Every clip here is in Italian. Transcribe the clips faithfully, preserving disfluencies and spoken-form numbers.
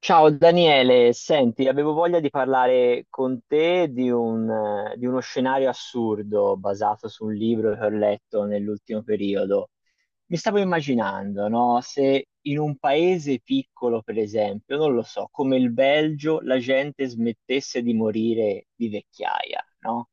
Ciao Daniele, senti, avevo voglia di parlare con te di, un, eh, di uno scenario assurdo basato su un libro che ho letto nell'ultimo periodo. Mi stavo immaginando, no? Se in un paese piccolo, per esempio, non lo so, come il Belgio, la gente smettesse di morire di vecchiaia, no?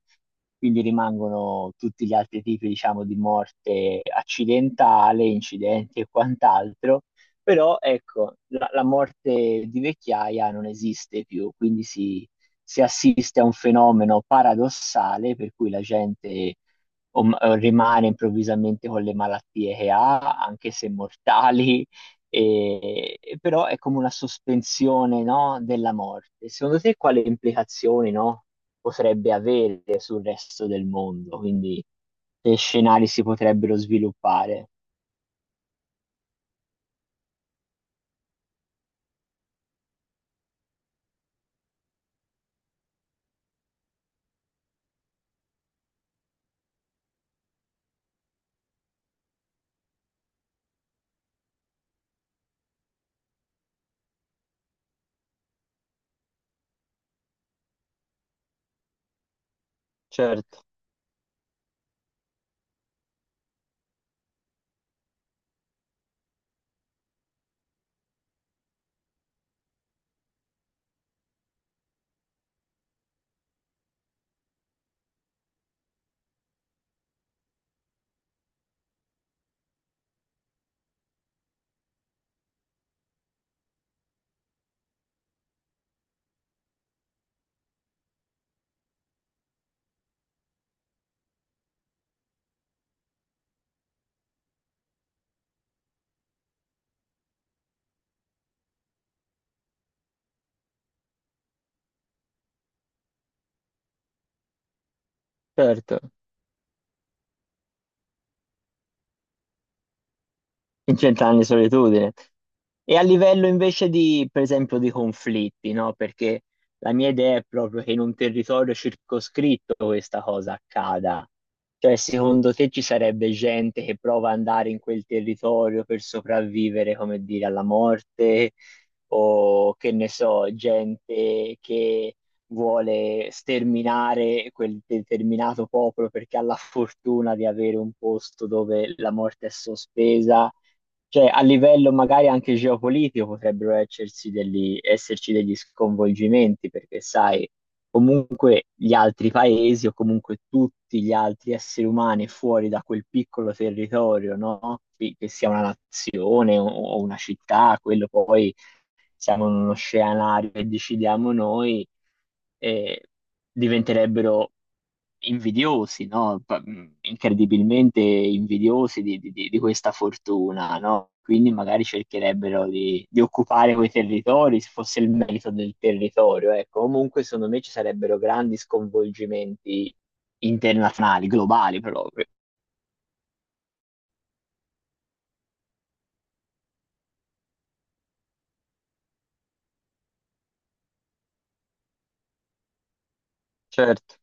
Quindi rimangono tutti gli altri tipi, diciamo, di morte accidentale, incidenti e quant'altro, però ecco, la, la morte di vecchiaia non esiste più, quindi si, si assiste a un fenomeno paradossale per cui la gente o m- o rimane improvvisamente con le malattie che ha, anche se mortali, e- e però è come una sospensione, no, della morte. Secondo te quali implicazioni, no, potrebbe avere sul resto del mondo? Quindi che scenari si potrebbero sviluppare? Certo, certo. In Cent'anni di solitudine. E a livello invece di, per esempio, di conflitti, no? Perché la mia idea è proprio che in un territorio circoscritto questa cosa accada. Cioè, secondo te ci sarebbe gente che prova ad andare in quel territorio per sopravvivere, come dire, alla morte, o che ne so, gente che vuole sterminare quel determinato popolo perché ha la fortuna di avere un posto dove la morte è sospesa. Cioè, a livello magari anche geopolitico potrebbero esserci degli, esserci degli sconvolgimenti, perché sai, comunque gli altri paesi o comunque tutti gli altri esseri umani fuori da quel piccolo territorio, no? Che che sia una nazione o o una città, quello poi siamo in uno scenario che decidiamo noi, eh, diventerebbero invidiosi, no? Pa- mh, Incredibilmente invidiosi di, di- di- di questa fortuna, no? Quindi magari cercherebbero di, di occupare quei territori, se fosse il merito del territorio, ecco. Comunque, secondo me ci sarebbero grandi sconvolgimenti internazionali, globali proprio. Certo.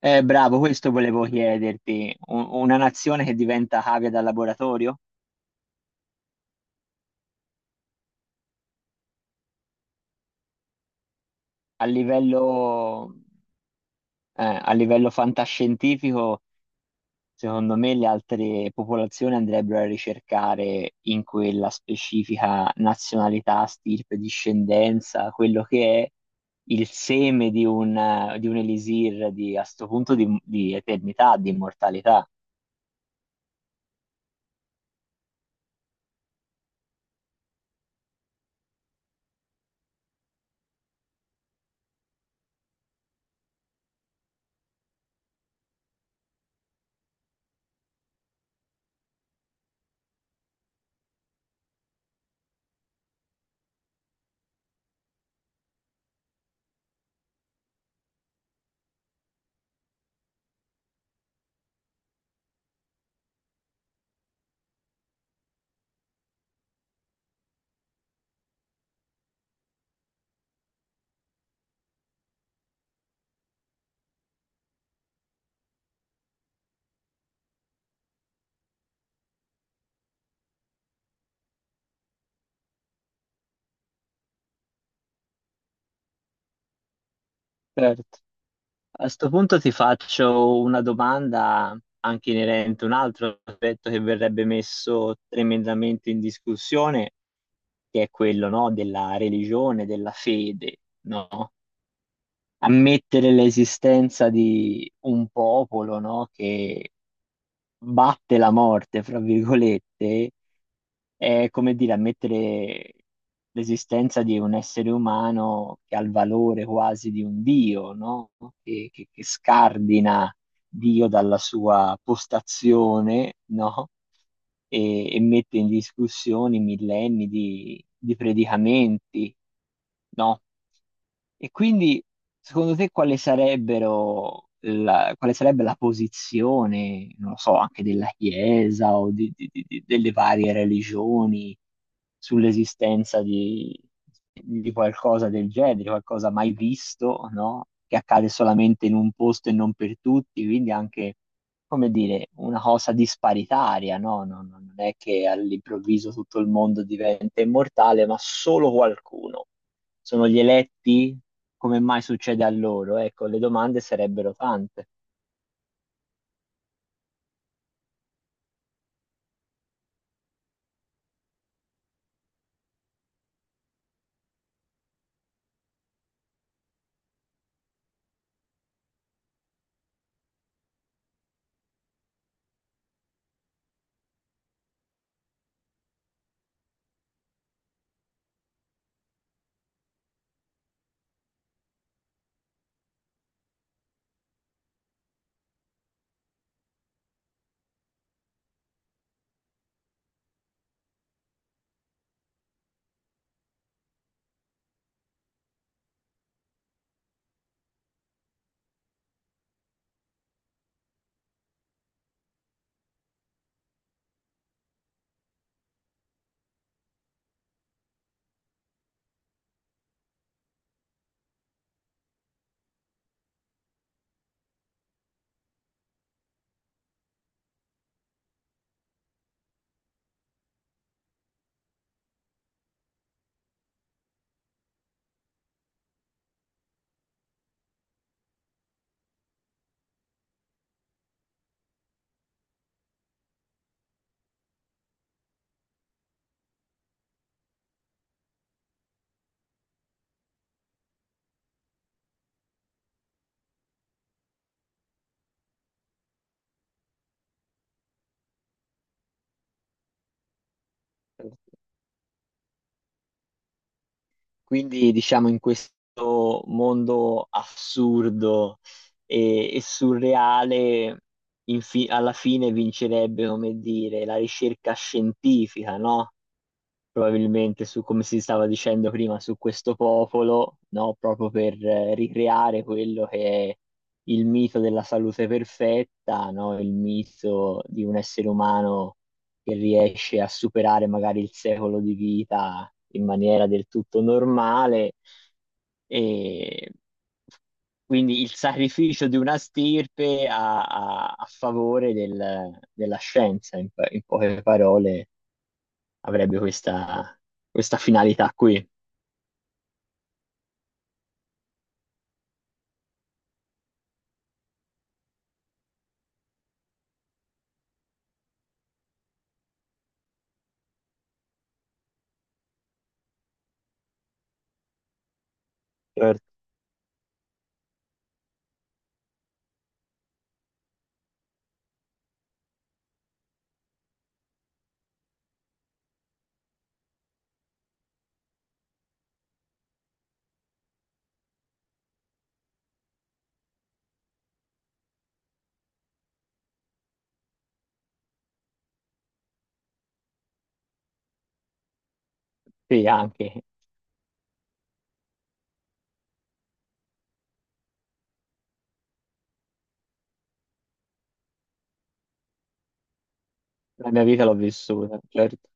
Eh, bravo, questo volevo chiederti. U- una nazione che diventa cavia da laboratorio? a livello, eh, a livello fantascientifico, secondo me le altre popolazioni andrebbero a ricercare in quella specifica nazionalità, stirpe, discendenza, quello che è il seme di un, di un elisir di, a sto punto di, di eternità, di immortalità. Certo. A sto punto ti faccio una domanda anche inerente a un altro aspetto che verrebbe messo tremendamente in discussione che è quello, no, della religione, della fede, no? Ammettere l'esistenza di un popolo, no, che batte la morte, fra virgolette, è come dire ammettere l'esistenza di un essere umano che ha il valore quasi di un Dio, no? Che, che- che scardina Dio dalla sua postazione, no? E, e mette in discussione millenni di, di predicamenti, no? E quindi, secondo te, quale sarebbero la, quale sarebbe la posizione, non lo so, anche della Chiesa o di- di- di- di- delle varie religioni sull'esistenza di, di qualcosa del genere, di qualcosa mai visto, no? Che accade solamente in un posto e non per tutti, quindi anche, come dire, una cosa disparitaria, no? Non, non è che all'improvviso tutto il mondo diventa immortale, ma solo qualcuno sono gli eletti, come mai succede a loro? Ecco, le domande sarebbero tante. Quindi, diciamo, in questo mondo assurdo e, e surreale, infi- alla fine vincerebbe, come dire, la ricerca scientifica, no? Probabilmente su, come si stava dicendo prima, su questo popolo, no? Proprio per eh, ricreare quello che è il mito della salute perfetta, no? Il mito di un essere umano che riesce a superare magari il secolo di vita in maniera del tutto normale e quindi il sacrificio di una stirpe a, a- a favore del- della scienza, in, po- in poche parole avrebbe questa, questa finalità qui. Certo. Sì, anche la mia vita l'ho vissuta, certo.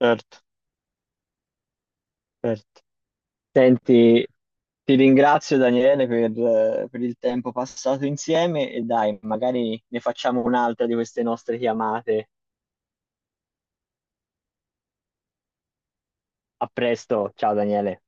Certo, certo. Senti, ti ringrazio Daniele per, eh, per il tempo passato insieme e dai, magari ne facciamo un'altra di queste nostre chiamate. A presto, ciao Daniele.